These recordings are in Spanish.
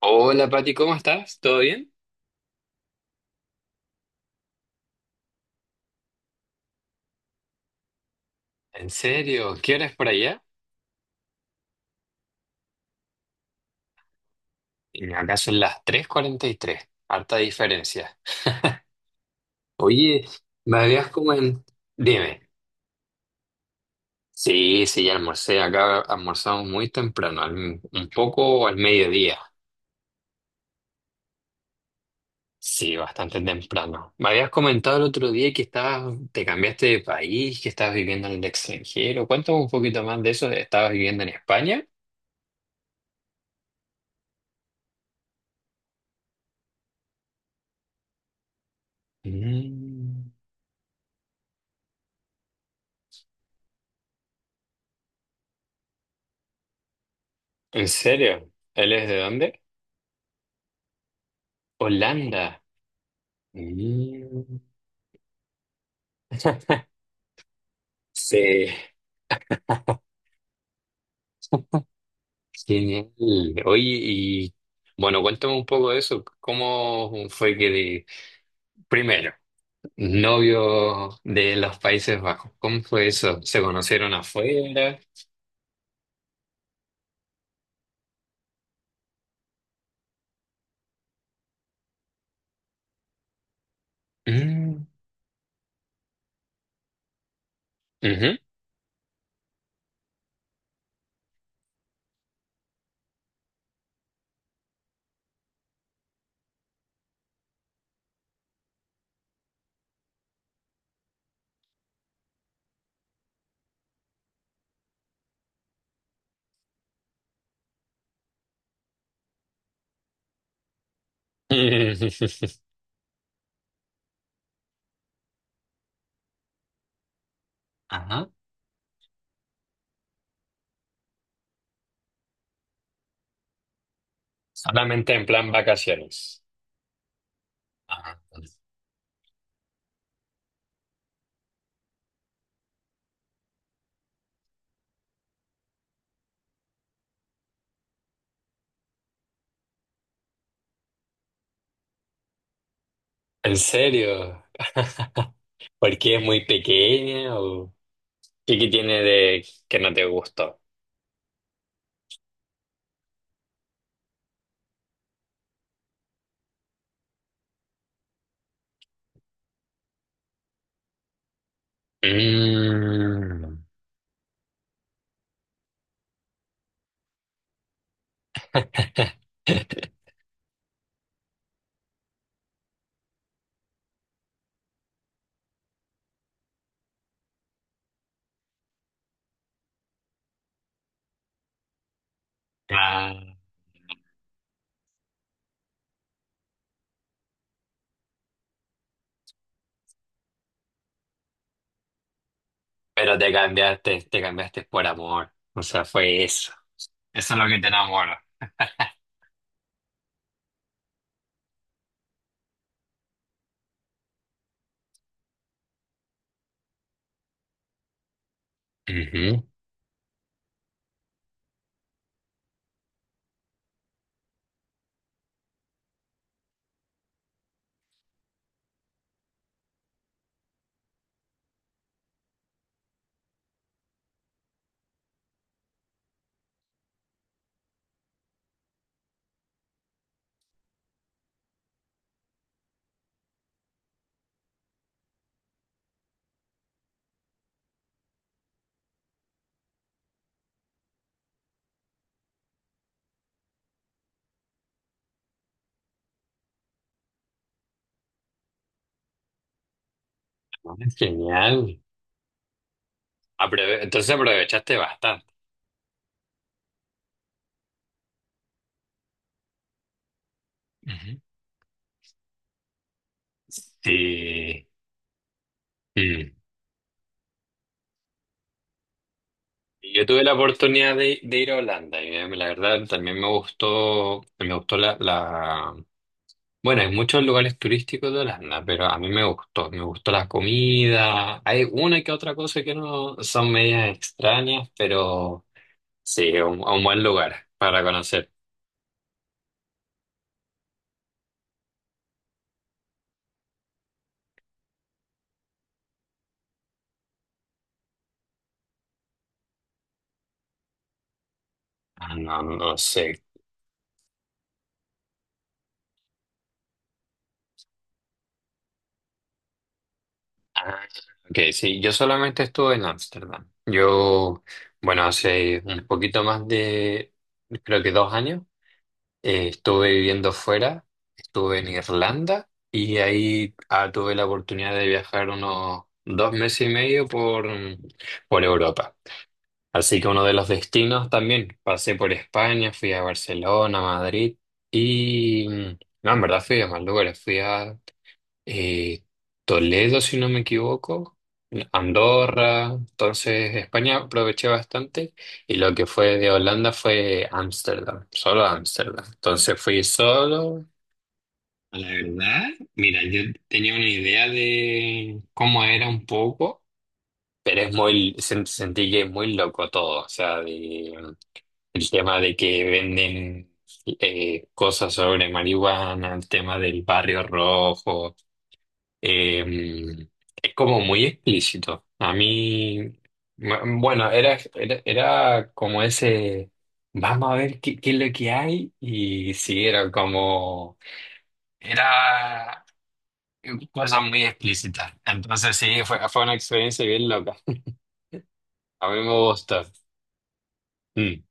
Hola Pati, ¿cómo estás? ¿Todo bien? ¿En serio? ¿Qué hora es por allá? Y acá son las tres cuarenta y tres. Harta diferencia. Oye, me habías como Dime. Sí, sí, ya almorcé. Acá almorzamos muy temprano, un poco al mediodía. Sí, bastante temprano. Me habías comentado el otro día que estabas, te cambiaste de país, que estabas viviendo en el extranjero. Cuéntame un poquito más de eso. ¿Estabas viviendo en España? Mm. ¿En serio? ¿Él es de dónde? Holanda. Mm. Sí, genial. Oye, y bueno, cuéntame un poco de eso. ¿Cómo fue que? Primero, ¿novio de los Países Bajos? ¿Cómo fue eso? ¿Se conocieron afuera? Mm, ujú. Ajá. Solamente en plan vacaciones. Ajá. ¿En serio? ¿Por qué, es muy pequeña o qué tiene de que no te gustó? Mm. Claro. Pero te cambiaste por amor. O sea, fue eso. Eso es lo que te enamora. Ujú. Ah, genial. Entonces aprovechaste bastante. Ujú. Sí. Mm. Yo tuve la oportunidad de ir a Holanda y la verdad también me gustó la... Bueno, hay muchos lugares turísticos de Holanda, pero a mí me gustó la comida. Hay una que otra cosa que no son medias extrañas, pero sí, a un buen lugar para conocer. Ah, no, no sé. Ah, ok, sí, yo solamente estuve en Ámsterdam. Yo, bueno, hace un poquito más de, creo que dos años, estuve viviendo fuera, estuve en Irlanda y ahí tuve la oportunidad de viajar unos dos meses y medio por Europa. Así que uno de los destinos también, pasé por España, fui a Barcelona, Madrid y... No, en verdad fui a más lugares, fui a eh, Toledo, si no me equivoco, Andorra, entonces España aproveché bastante y lo que fue de Holanda fue Ámsterdam, solo Ámsterdam. Entonces fui solo. La verdad, mira, yo tenía una idea de cómo era un poco, pero es muy, sentí que es muy loco todo, o sea, de... El tema de que venden cosas sobre marihuana, el tema del barrio rojo, eh, es como muy explícito. Bueno, era como ese, vamos a ver qué es lo que hay, y sí, era como, era cosas muy explícitas. Entonces sí, fue una experiencia bien loca. A mí me gustó. Mm.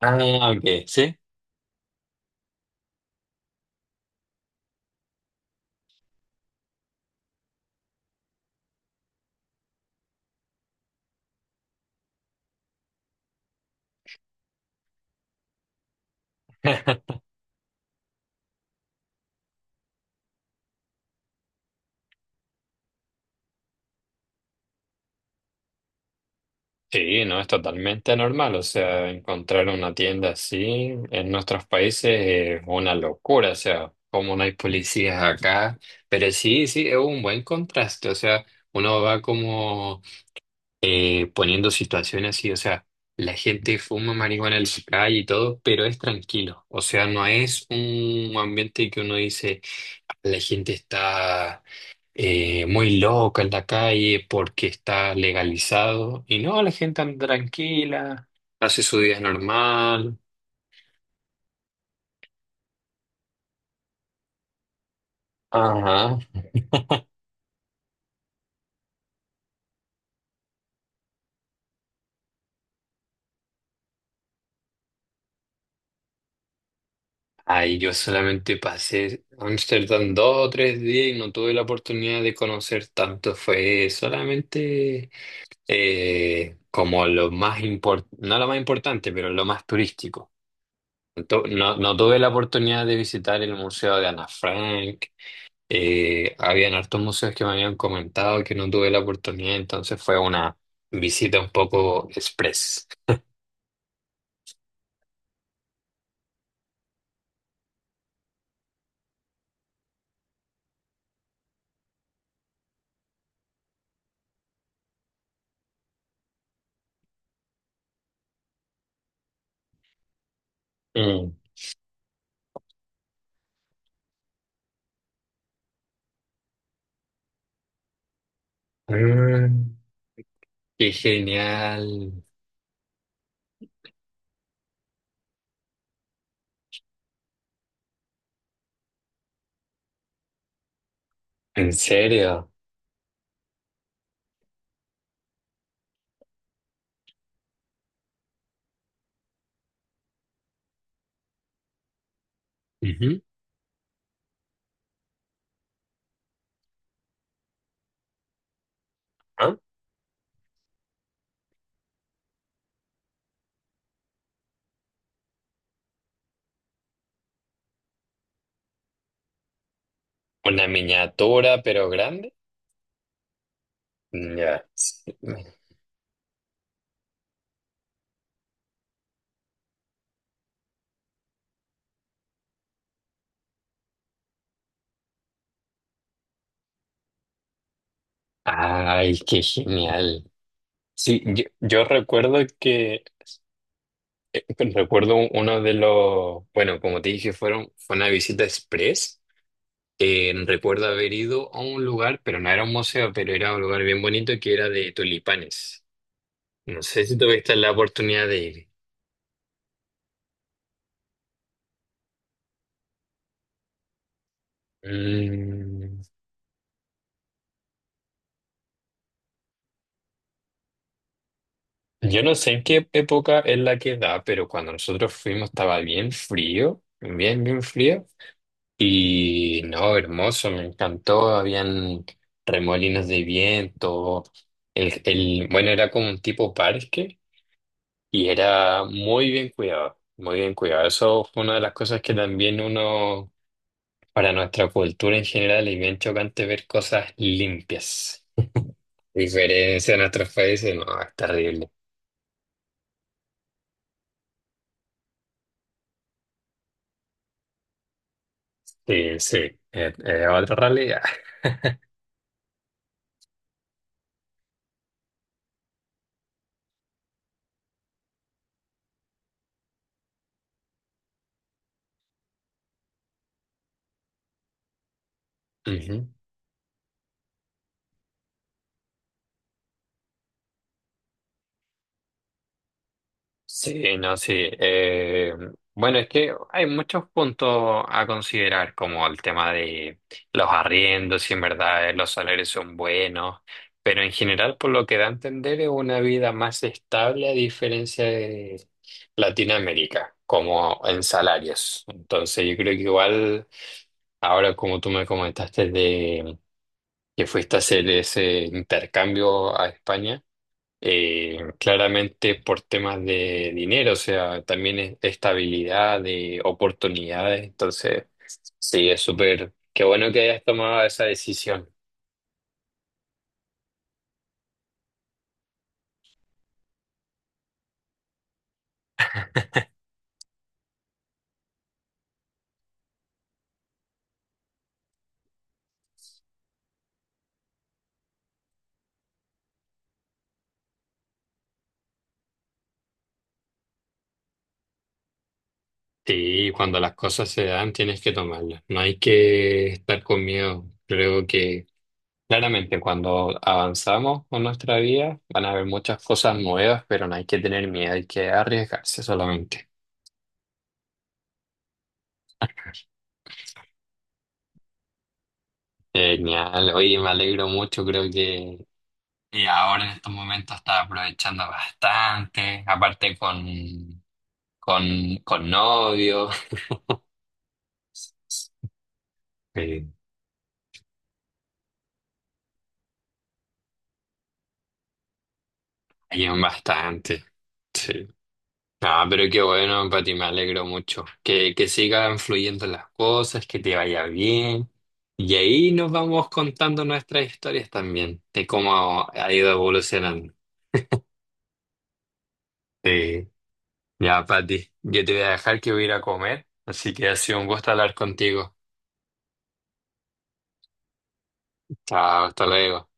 Ah, ok, sí. Sí, no, es totalmente normal. O sea, encontrar una tienda así en nuestros países es una locura. O sea, como no hay policías acá. Pero sí, sí, es un buen contraste. O sea, uno va como poniendo situaciones así. O sea, la gente fuma marihuana en la calle y todo, pero es tranquilo. O sea, no es un ambiente que uno dice, la gente está muy loca en la calle porque está legalizado. Y no, la gente anda tranquila, hace su día normal. Ajá. Ahí yo solamente pasé Amsterdam dos o tres días y no tuve la oportunidad de conocer tanto. Fue solamente como lo más importante, no lo más importante, pero lo más turístico. No, no tuve la oportunidad de visitar el Museo de Ana Frank. Habían hartos museos que me habían comentado que no tuve la oportunidad, entonces fue una visita un poco express. Mm. Mm, qué genial. ¿En serio? Ujú. ¿Ah? ¿Una miniatura pero grande? Ya. Sí. Ay, qué genial. Sí, yo recuerdo recuerdo uno de los, bueno, como te dije, fueron, fue una visita express. Recuerdo haber ido a un lugar, pero no era un museo, pero era un lugar bien bonito que era de tulipanes. No sé si tuviste la oportunidad de ir. Mm, yo no sé en qué época es la que da, pero cuando nosotros fuimos estaba bien frío, bien, bien frío. Y no, hermoso, me encantó. Habían remolinos de viento. Bueno, era como un tipo parque. Y era muy bien cuidado, muy bien cuidado. Eso fue una de las cosas que también uno, para nuestra cultura en general, es bien chocante ver cosas limpias. Diferencia en otros países, no, es terrible. Sí, sí, es otra realidad. Sí, no, sí. Eh, bueno, es que hay muchos puntos a considerar, como el tema de los arriendos, si en verdad los salarios son buenos, pero en general, por lo que da a entender, es una vida más estable a diferencia de Latinoamérica, como en salarios. Entonces, yo creo que igual, ahora como tú me comentaste de que fuiste a hacer ese intercambio a España claramente por temas de dinero, o sea, también estabilidad, de oportunidades. Entonces, sí, es súper, qué bueno que hayas tomado esa decisión. Sí, cuando las cosas se dan, tienes que tomarlas. No hay que estar con miedo. Creo que claramente cuando avanzamos con nuestra vida, van a haber muchas cosas nuevas, pero no hay que tener miedo, hay que arriesgarse solamente. Genial, oye, me alegro mucho, creo que y ahora en estos momentos está aprovechando bastante, aparte con novio. Sí. Ayudan bastante. Sí. Ah, pero qué bueno, Pati, me alegro mucho. Que sigan fluyendo las cosas, que te vaya bien. Y ahí nos vamos contando nuestras historias también, de cómo ha ido evolucionando. Sí. Ya, Pati, yo te voy a dejar que voy a ir a comer, así que ha sido un gusto hablar contigo. Chao, hasta luego.